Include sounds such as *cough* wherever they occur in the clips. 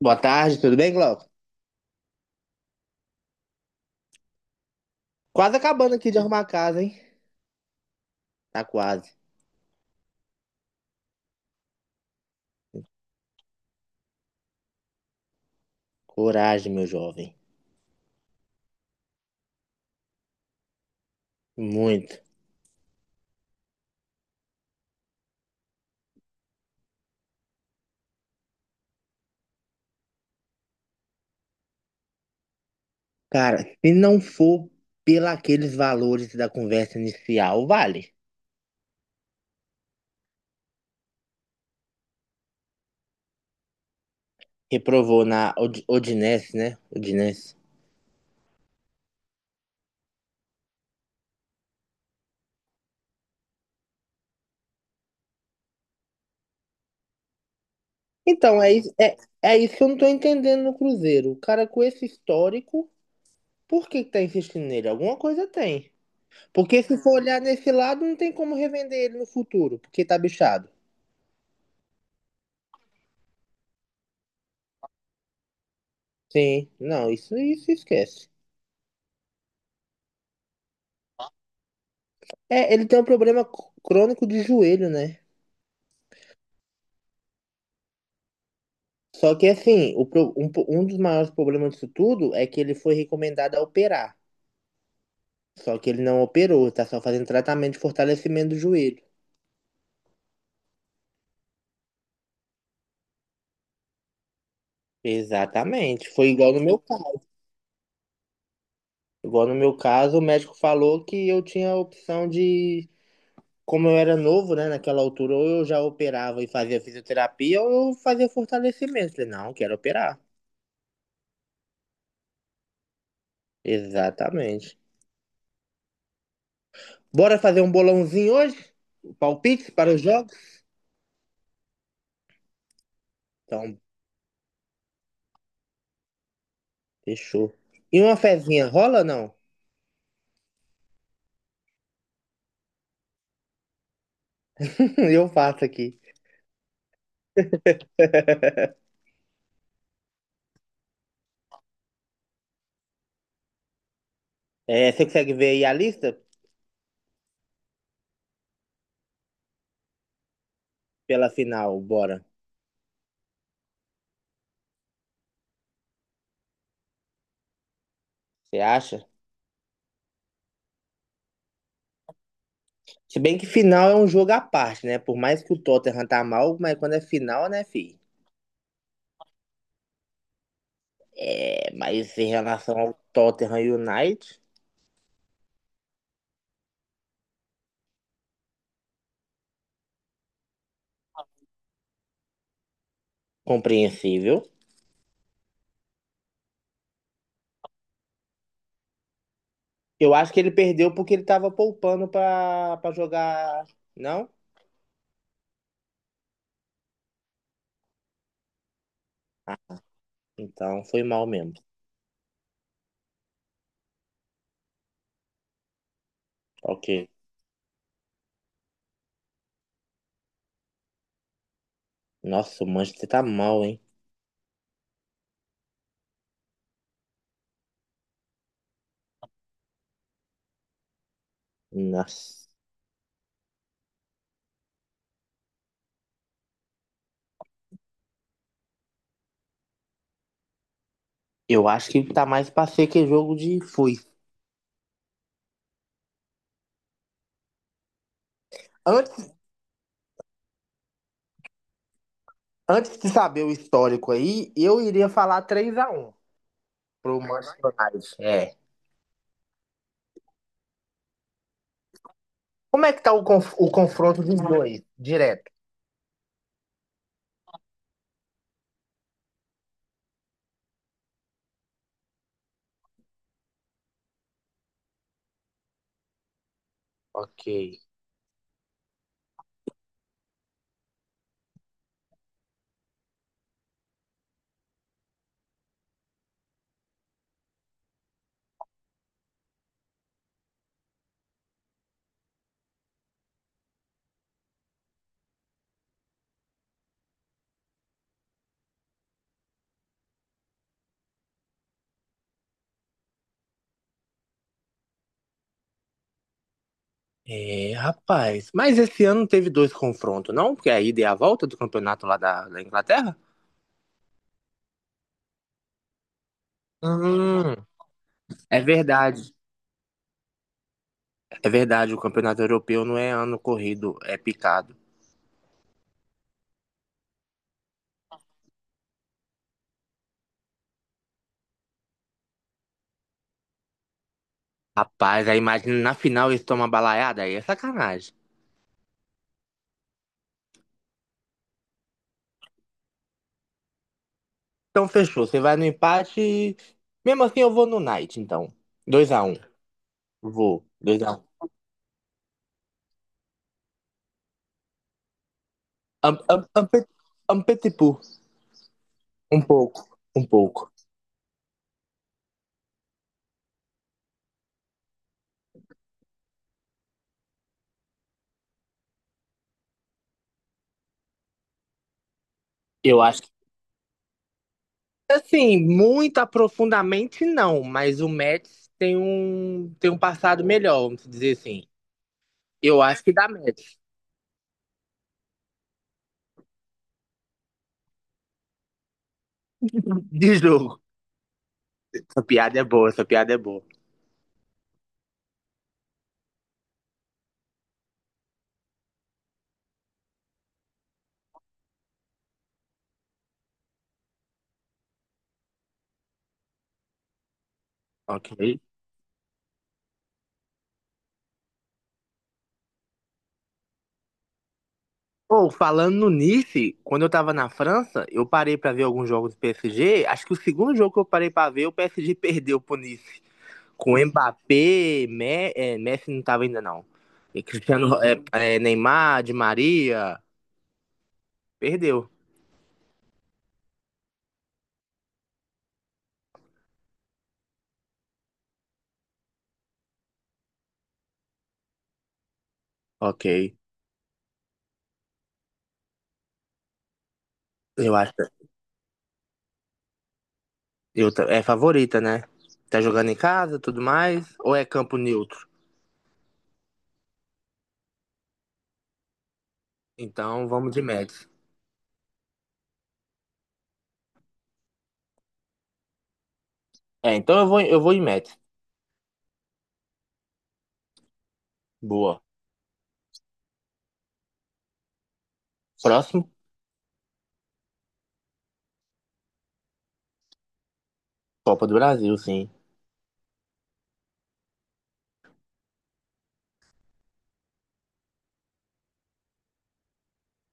Boa tarde, tudo bem, Glauco? Quase acabando aqui de arrumar a casa, hein? Tá quase. Coragem, meu jovem. Muito. Cara, se não for pelaqueles valores da conversa inicial, vale. Reprovou na Odinese, né? Odinese. Então, é isso que eu não tô entendendo no Cruzeiro. O cara com esse histórico, por que que tá insistindo nele? Alguma coisa tem. Porque se for olhar nesse lado, não tem como revender ele no futuro, porque tá bichado. Sim, não, isso esquece. É, ele tem um problema crônico de joelho, né? Só que assim, o pro- um, po- um dos maiores problemas disso tudo é que ele foi recomendado a operar. Só que ele não operou, tá só fazendo tratamento de fortalecimento do joelho. Exatamente. Foi igual no meu caso. Igual no meu caso, o médico falou que eu tinha a opção de, como eu era novo, né, naquela altura, ou eu já operava e fazia fisioterapia, ou eu fazia fortalecimento. Falei, não, quero operar. Exatamente. Bora fazer um bolãozinho hoje? Palpites para os jogos? Então, fechou. E uma fezinha rola não? *laughs* Eu faço aqui. É, você consegue ver aí a lista pela final, bora. Você acha? Se bem que final é um jogo à parte, né? Por mais que o Tottenham tá mal, mas quando é final, né, filho. É, mas em relação ao Tottenham United, compreensível. Eu acho que ele perdeu porque ele tava poupando pra jogar. Não? Ah, então foi mal mesmo. Ok. Nossa, o Manchester tá mal, hein? Nossa. Eu acho que tá mais pra ser que jogo de foice. Antes, antes de saber o histórico aí, eu iria falar 3 a 1 pro Manchester United. É. Como é que tá o confronto dos dois, direto? Ok. É, rapaz. Mas esse ano não teve dois confrontos, não? Porque a ida e a volta do campeonato da Inglaterra? Hum, é verdade. É verdade, o campeonato europeu não é ano corrido, é picado. Rapaz, aí imagina na final eles tomam uma balaiada, aí é sacanagem. Então fechou. Você vai no empate. Mesmo assim, eu vou no Knight, então. Dois a um. Vou. 2x1. Um, um, um, pe- Um petipu. Um pouco. Um pouco. Eu acho que. Assim, muito aprofundamente não, mas o Mets tem um passado melhor, vamos dizer assim. Eu acho que dá Mets. *laughs* De jogo. Essa piada é boa, essa piada é boa. Ok. Pô, falando no Nice, quando eu tava na França, eu parei pra ver alguns jogos do PSG. Acho que o segundo jogo que eu parei pra ver, o PSG perdeu pro Nice. Com Mbappé, Messi não tava ainda não. E Cristiano, Neymar, Di Maria, perdeu. Ok. Eu acho. É favorita, né? Tá jogando em casa, tudo mais, ou é campo neutro? Então vamos de Mets. É, então eu vou em Mets. Boa. Próximo, Copa do Brasil, sim.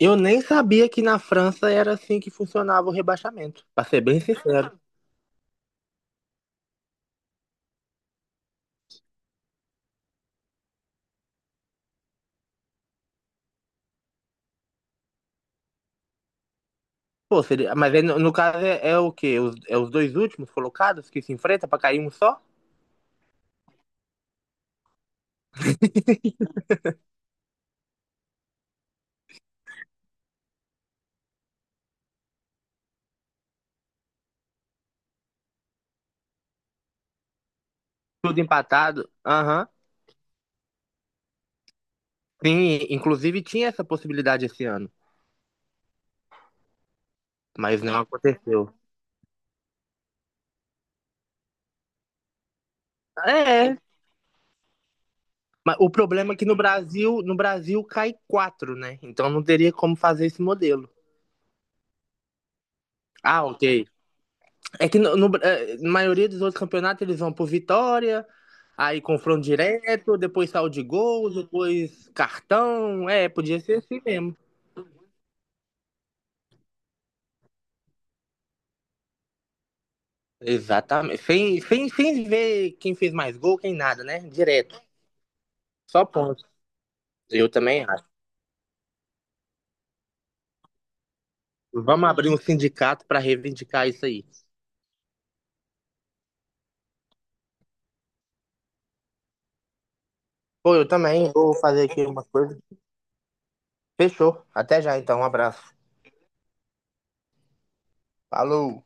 Eu nem sabia que na França era assim que funcionava o rebaixamento, pra ser bem sincero. Pô, seria... Mas aí, no caso é, é o quê? Os, é os dois últimos colocados que se enfrentam pra cair um só? Tudo empatado. Aham. Sim, inclusive tinha essa possibilidade esse ano, mas não aconteceu. É, mas o problema é que no Brasil, no Brasil cai quatro, né? Então não teria como fazer esse modelo. Ah, ok. É que é, na maioria dos outros campeonatos eles vão por vitória, aí confronto direto, depois saldo de gols, depois cartão. É, podia ser assim mesmo. Exatamente. Sem ver quem fez mais gol, quem nada, né? Direto. Só ponto. Eu também acho. Vamos abrir um sindicato para reivindicar isso aí. Pô, eu também vou fazer aqui uma coisa. Fechou. Até já então. Um abraço. Falou.